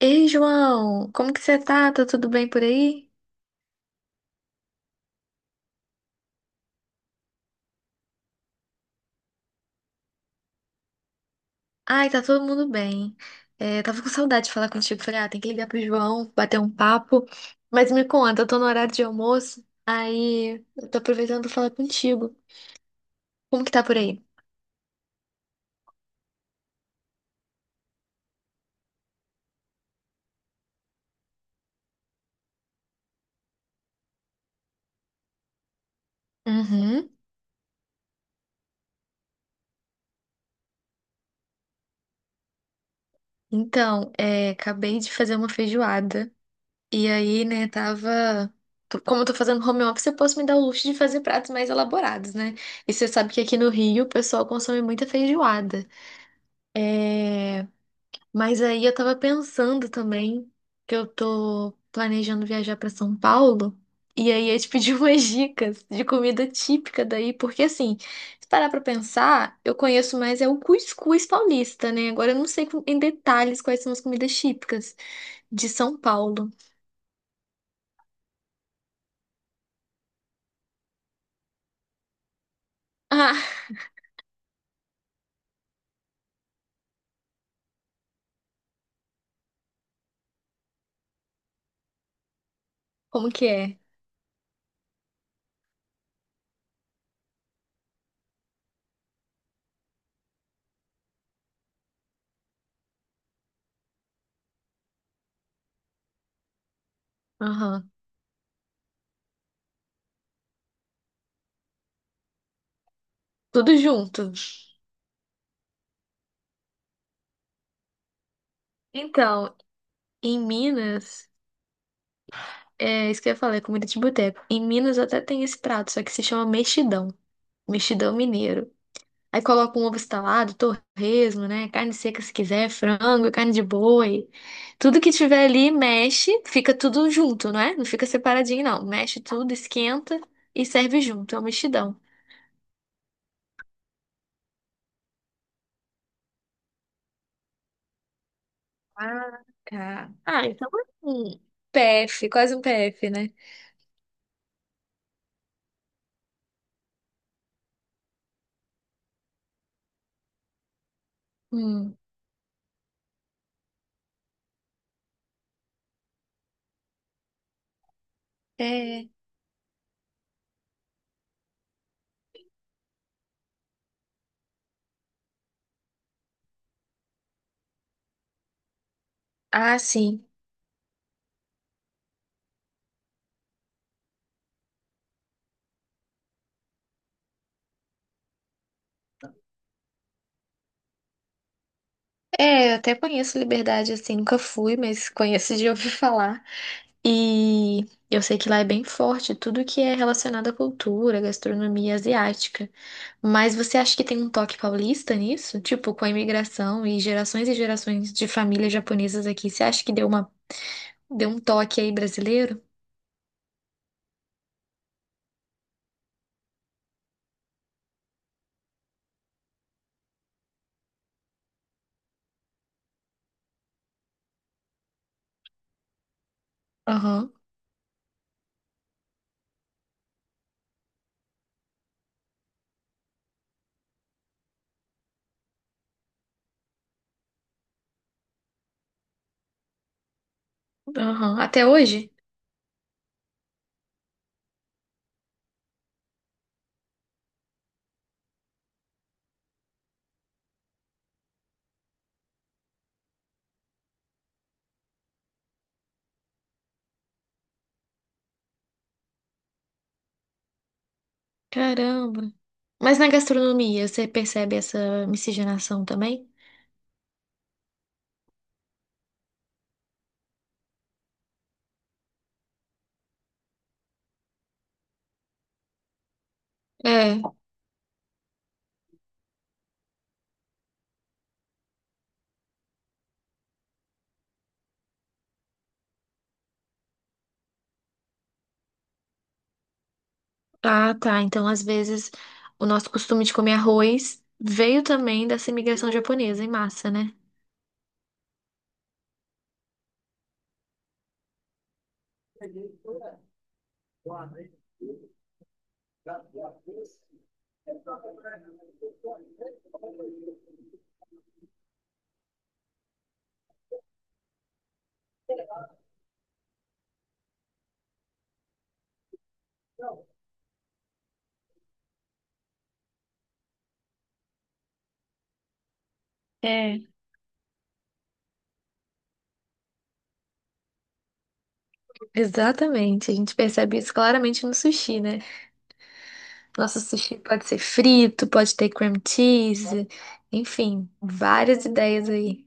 Ei, João, como que você tá? Tá tudo bem por aí? Ai, tá todo mundo bem. É, tava com saudade de falar contigo. Falei, ah, tem que ligar pro João, bater um papo. Mas me conta, eu tô no horário de almoço, aí eu tô aproveitando pra falar contigo. Como que tá por aí? Uhum. Então, acabei de fazer uma feijoada. E aí, né, tava. Como eu tô fazendo home office, eu posso me dar o luxo de fazer pratos mais elaborados, né? E você sabe que aqui no Rio o pessoal consome muita feijoada. É... Mas aí eu tava pensando também que eu tô planejando viajar pra São Paulo. E aí eu te pedi umas dicas de comida típica daí, porque assim, se parar pra pensar, eu conheço mais é o cuscuz paulista, né? Agora eu não sei em detalhes quais são as comidas típicas de São Paulo. Ah, como que é? Aham. Tudo junto. Então, em Minas, é isso que eu ia falar, é comida de boteco. Em Minas até tem esse prato, só que se chama mexidão. Mexidão mineiro. Aí coloca um ovo estalado, torresmo, né? Carne seca se quiser, frango, carne de boi. Tudo que tiver ali, mexe, fica tudo junto, não é? Não fica separadinho, não. Mexe tudo, esquenta e serve junto. É um mexidão. Ah, tá. Ah, então é um PF, quase um PF, né? Hum. É. Ah, sim. É, eu até conheço Liberdade assim, nunca fui, mas conheço de ouvir falar. E eu sei que lá é bem forte tudo que é relacionado à cultura, gastronomia asiática. Mas você acha que tem um toque paulista nisso? Tipo, com a imigração e gerações de famílias japonesas aqui, você acha que deu uma, deu um toque aí brasileiro? Aham, aham. Até hoje? Caramba. Mas na gastronomia, você percebe essa miscigenação também? É. Ah, tá. Então, às vezes, o nosso costume de comer arroz veio também dessa imigração japonesa em massa, né? É, exatamente. A gente percebe isso claramente no sushi, né? Nosso sushi pode ser frito, pode ter cream cheese, enfim, várias ideias aí.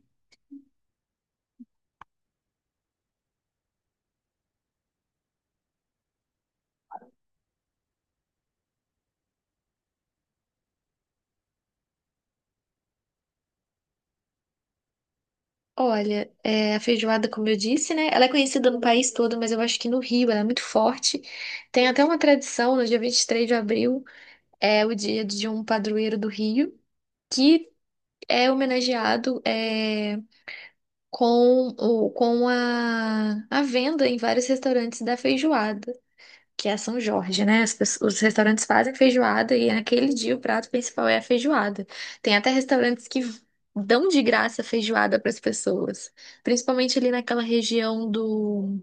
Olha, a feijoada, como eu disse, né? Ela é conhecida no país todo, mas eu acho que no Rio ela é muito forte. Tem até uma tradição, no dia 23 de abril, é o dia de um padroeiro do Rio, que é homenageado com, o, com a venda em vários restaurantes da feijoada, que é São Jorge, né? Os restaurantes fazem feijoada e naquele dia o prato principal é a feijoada. Tem até restaurantes que dão de graça feijoada para as pessoas, principalmente ali naquela região do,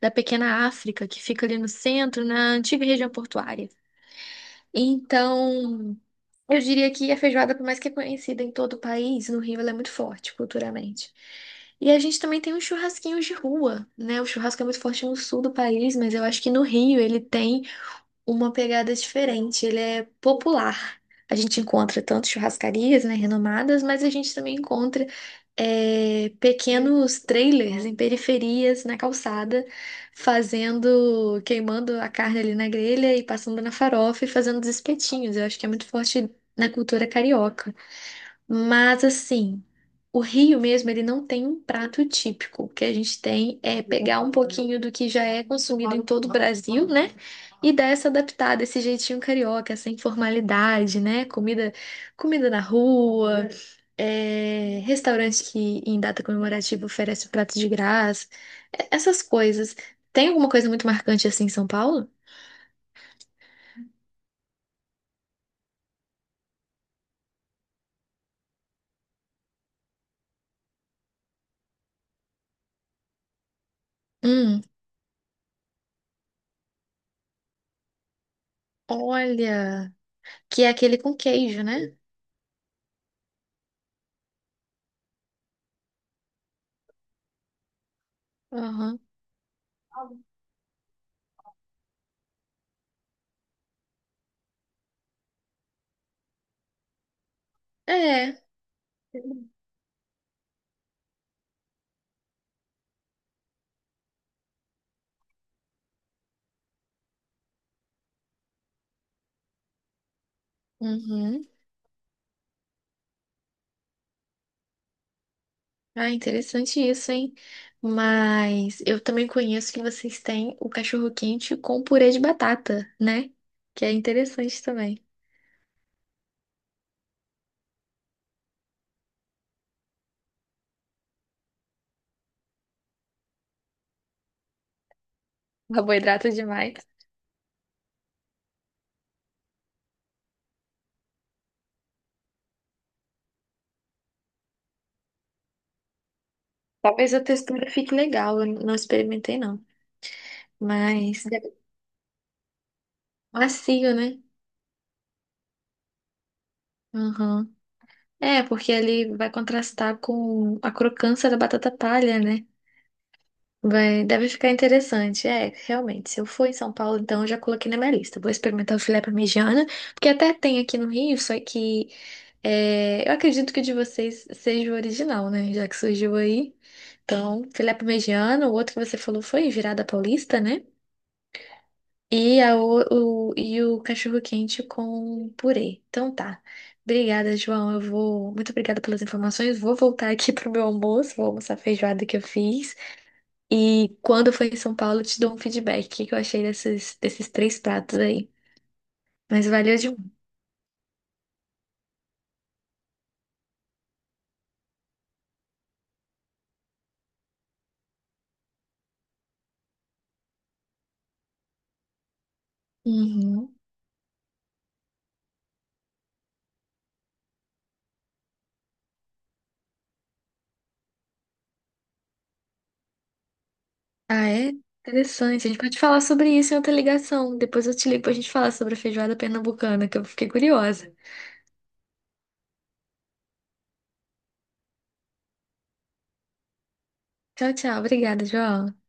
da Pequena África, que fica ali no centro, na antiga região portuária. Então, eu diria que a feijoada, por mais que é conhecida em todo o país, no Rio ela é muito forte culturalmente. E a gente também tem os churrasquinhos de rua, né? O churrasco é muito forte no sul do país, mas eu acho que no Rio ele tem uma pegada diferente, ele é popular. A gente encontra tanto churrascarias, né, renomadas, mas a gente também encontra pequenos trailers em periferias, na calçada, fazendo, queimando a carne ali na grelha e passando na farofa e fazendo os espetinhos. Eu acho que é muito forte na cultura carioca. Mas assim, o Rio mesmo, ele não tem um prato típico. O que a gente tem é pegar um pouquinho do que já é consumido em todo o Brasil, né? E dar essa adaptada, esse jeitinho carioca, essa informalidade, né? Comida na rua, restaurante que em data comemorativa oferece o prato de graça, essas coisas. Tem alguma coisa muito marcante assim em São Paulo? Hum, olha, que é aquele com queijo, né? Aham. É. Uhum. Ah, interessante isso, hein? Mas eu também conheço que vocês têm o cachorro-quente com purê de batata, né? Que é interessante também. Carboidrato demais. Talvez a textura fique legal, eu não experimentei não. Mas deve- macio, né? Uhum. É, porque ele vai contrastar com a crocância da batata palha, né? Vai, deve ficar interessante. É, realmente, se eu for em São Paulo, então eu já coloquei na minha lista. Vou experimentar o filé parmegiana, porque até tem aqui no Rio, só que eu acredito que o de vocês seja o original, né? Já que surgiu aí. Então, filé parmegiana, o outro que você falou foi virada paulista, né? E o cachorro-quente com purê. Então tá. Obrigada, João. Eu vou. Muito obrigada pelas informações. Vou voltar aqui pro meu almoço. Vou almoçar a feijoada que eu fiz. E quando for em São Paulo, eu te dou um feedback. O que que eu achei desses 3 pratos aí? Mas valeu demais. Uhum. Ah, é? Interessante. A gente pode falar sobre isso em outra ligação. Depois eu te ligo pra gente falar sobre a feijoada pernambucana, que eu fiquei curiosa. Tchau, tchau. Obrigada, João.